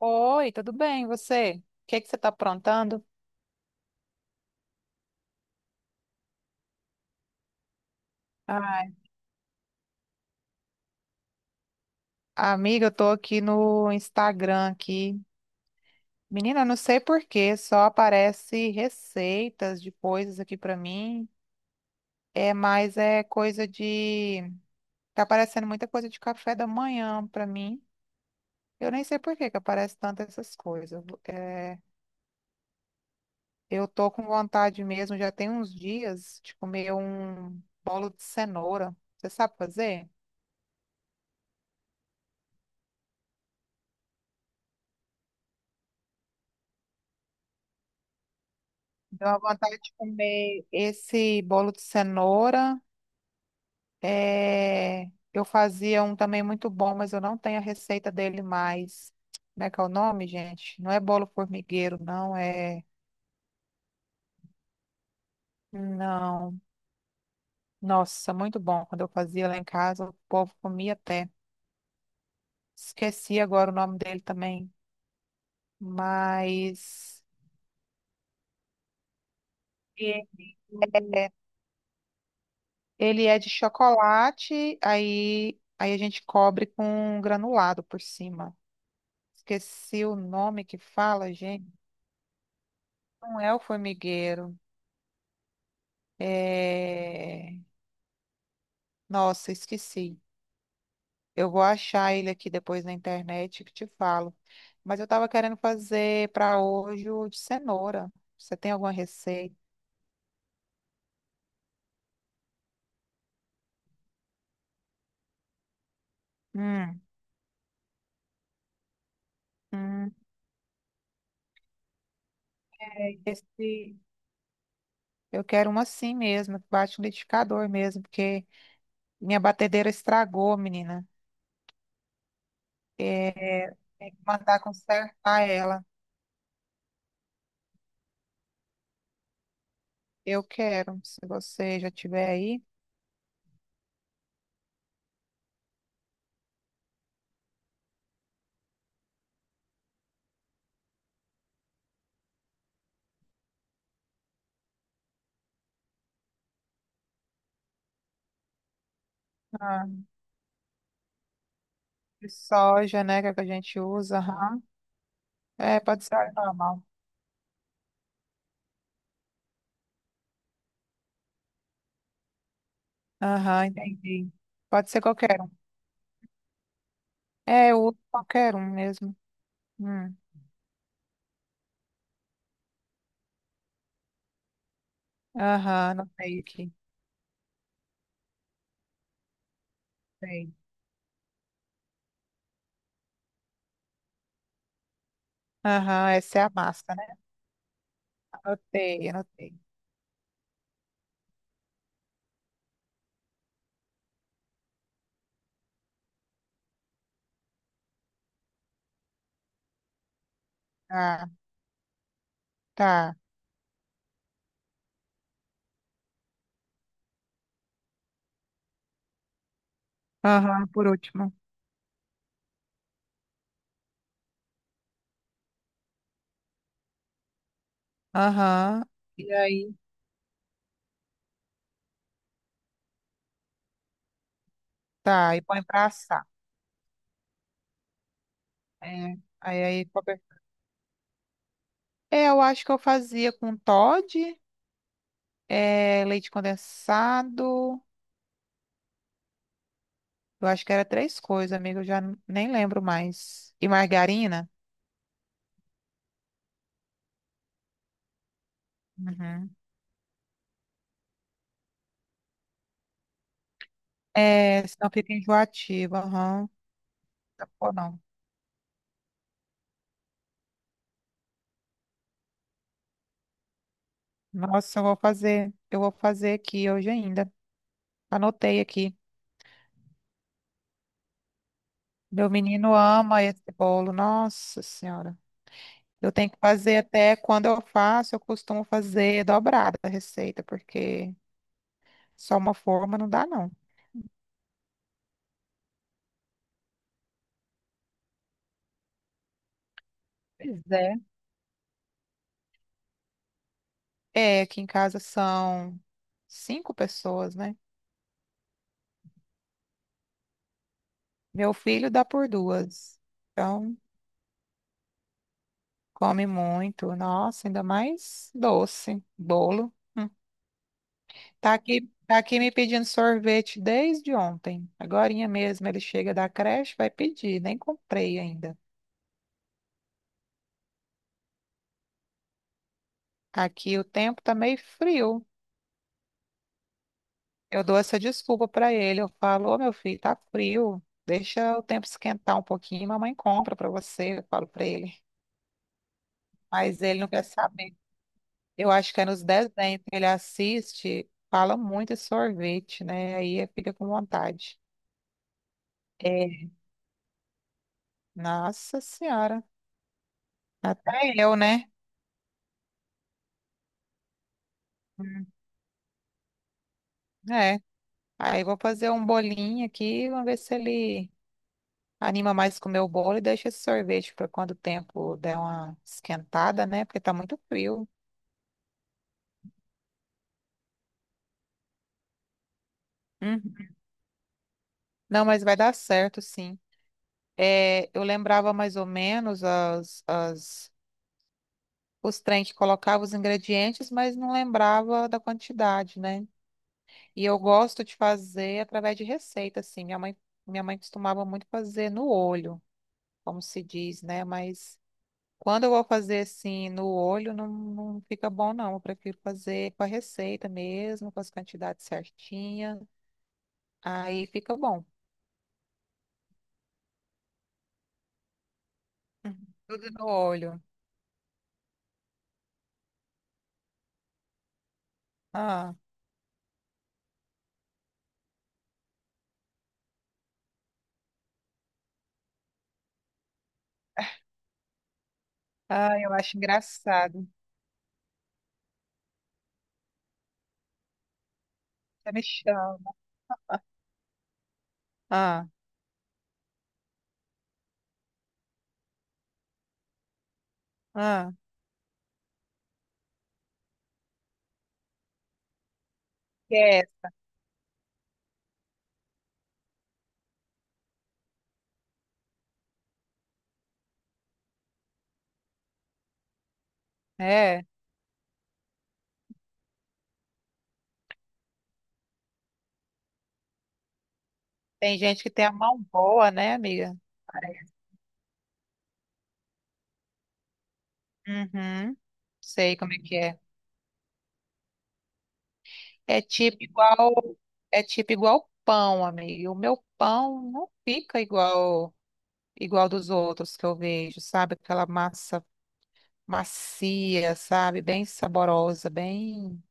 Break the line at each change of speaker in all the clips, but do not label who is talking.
Oi, tudo bem? E você? O que é que você tá aprontando? Ai, amiga, eu tô aqui no Instagram aqui. Menina, eu não sei por quê, só aparece receitas de coisas aqui pra mim. É, mas é coisa de tá aparecendo muita coisa de café da manhã pra mim. Eu nem sei por que que aparece tanto essas coisas. É, eu tô com vontade mesmo, já tem uns dias de comer um bolo de cenoura. Você sabe fazer? Deu uma vontade de comer esse bolo de cenoura. É, eu fazia um também muito bom, mas eu não tenho a receita dele mais. Como é que é o nome, gente? Não é bolo formigueiro, não é. Não. Nossa, muito bom. Quando eu fazia lá em casa, o povo comia até. Esqueci agora o nome dele também. Mas e- é, ele é de chocolate, aí a gente cobre com granulado por cima. Esqueci o nome que fala, gente. Não é o formigueiro. É... Nossa, esqueci. Eu vou achar ele aqui depois na internet que te falo. Mas eu estava querendo fazer para hoje o de cenoura. Você tem alguma receita? Hum, hum, esse... Eu quero uma assim mesmo, que bate no liquidificador mesmo, porque minha batedeira estragou, menina. É... Tem que mandar consertar ela. Eu quero, se você já tiver aí. De soja, né, que é o que a gente usa, aham. É, pode ser óleo normal. Aham, entendi. Pode ser qualquer um. É, eu uso qualquer um mesmo. Hum. Aham, anotei aqui. Sei. Aham, essa é a massa, né? Anotei, anotei. Ah, tá. Aham, por último. Aham. E aí? Tá, e põe pra assar. É, qualquer... É, eu acho que eu fazia com Toddy, leite condensado. Eu acho que era três coisas, amiga, eu já nem lembro mais. E margarina? Uhum. É, senão fica enjoativa. Aham. Tá bom, não. Nossa, eu vou fazer. Eu vou fazer aqui hoje ainda. Anotei aqui. Meu menino ama esse bolo. Nossa Senhora. Eu tenho que fazer até quando eu faço, eu costumo fazer dobrada a receita, porque só uma forma não dá, não. Pois é. É, aqui em casa são cinco pessoas, né? Meu filho dá por duas. Então. Come muito. Nossa, ainda mais doce, bolo. Hum. Tá aqui me pedindo sorvete desde ontem. Agorinha mesmo ele chega da creche, vai pedir. Nem comprei ainda. Aqui o tempo tá meio frio. Eu dou essa desculpa pra ele. Eu falo, ô meu filho, tá frio. Deixa o tempo esquentar um pouquinho, mamãe compra pra você. Eu falo pra ele. Mas ele não quer saber. Eu acho que é nos desenhos que ele assiste, fala muito de sorvete, né? Aí ele fica com vontade. É, Nossa Senhora. Até eu, né? Hum, é. Aí vou fazer um bolinho aqui, vamos ver se ele anima mais com o meu bolo e deixa esse sorvete para quando o tempo der uma esquentada, né? Porque tá muito frio. Uhum. Não, mas vai dar certo, sim. É, eu lembrava mais ou menos os trem que colocava os ingredientes, mas não lembrava da quantidade, né? E eu gosto de fazer através de receita, assim. Minha mãe costumava muito fazer no olho. Como se diz, né? Mas quando eu vou fazer assim no olho, não, não fica bom, não. Eu prefiro fazer com a receita mesmo, com as quantidades certinhas. Aí fica bom. Uhum. Tudo no olho. Ah, ah, eu acho engraçado. Você me chama. Ah, ah, é, é. Tem gente que tem a mão boa, né, amiga? Parece. Uhum. Sei como é que é. É tipo igual, é tipo igual, pão, amiga. O meu pão não fica igual igual dos outros que eu vejo, sabe? Aquela massa macia, sabe? Bem saborosa, bem,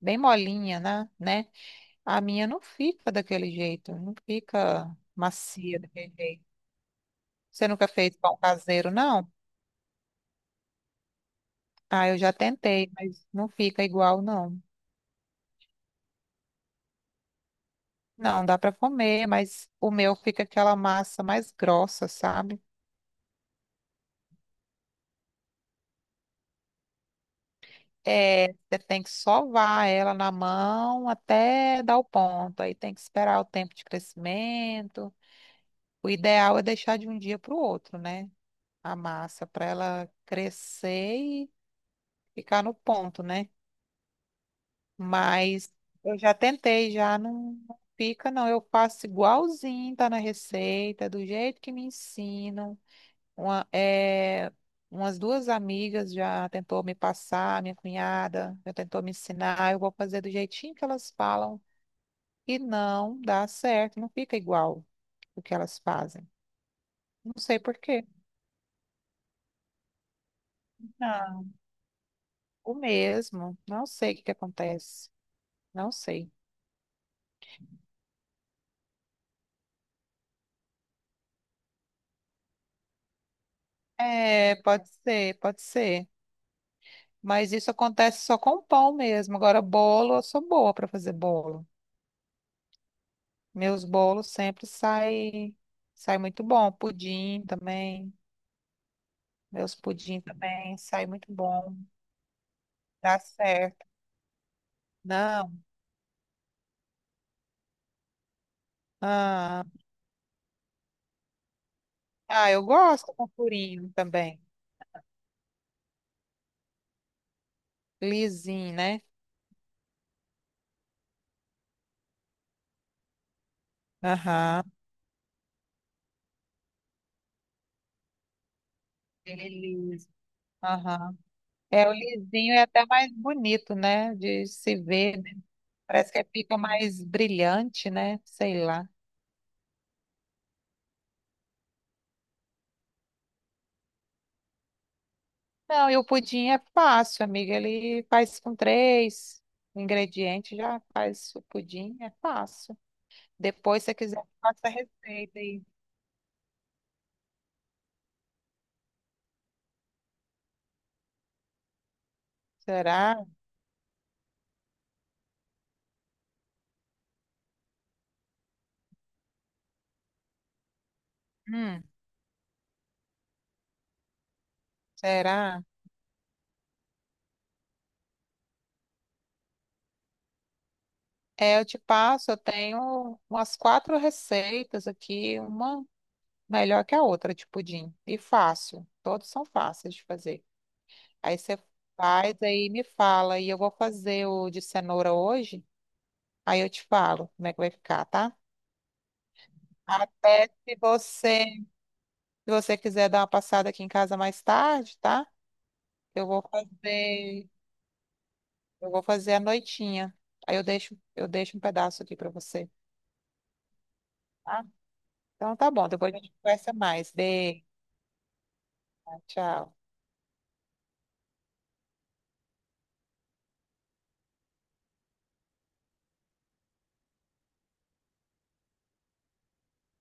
bem molinha, né? A minha não fica daquele jeito, não fica macia daquele jeito. Você nunca fez pão caseiro, não? Ah, eu já tentei, mas não fica igual, não. Não, dá para comer, mas o meu fica aquela massa mais grossa, sabe? É, você tem que sovar ela na mão até dar o ponto. Aí tem que esperar o tempo de crescimento. O ideal é deixar de um dia para o outro, né? A massa, para ela crescer e ficar no ponto, né? Mas eu já tentei, já não fica, não. Eu faço igualzinho, tá na receita, do jeito que me ensinam. Uma, é, umas duas amigas já tentou me passar, minha cunhada já tentou me ensinar. Eu vou fazer do jeitinho que elas falam e não dá certo, não fica igual o que elas fazem. Não sei por quê. O mesmo. Não sei o que que acontece. Não sei. É, pode ser, pode ser. Mas isso acontece só com pão mesmo. Agora, bolo, eu sou boa para fazer bolo. Meus bolos sempre saem sai muito bom. Pudim também. Meus pudim também sai muito bom. Dá certo. Não. Ah, ah, eu gosto com furinho também. Lisinho, né? Aham. Ele é liso. Aham. É, o lisinho é até mais bonito, né? De se ver, né? Parece que fica mais brilhante, né? Sei lá. Não, e o pudim é fácil, amiga. Ele faz com três ingredientes, já faz o pudim, é fácil. Depois, se você quiser, eu faço a receita aí. Será? Hum, será? É, eu te passo, eu tenho umas quatro receitas aqui, uma melhor que a outra de pudim. E fácil. Todos são fáceis de fazer. Aí você faz, aí me fala. E eu vou fazer o de cenoura hoje. Aí eu te falo como é que vai ficar, tá? Até se você quiser dar uma passada aqui em casa mais tarde, tá? Eu vou fazer, eu vou fazer a noitinha. Aí eu deixo um pedaço aqui pra você, tá? Então tá bom, depois a gente conversa mais. Beijo, tchau.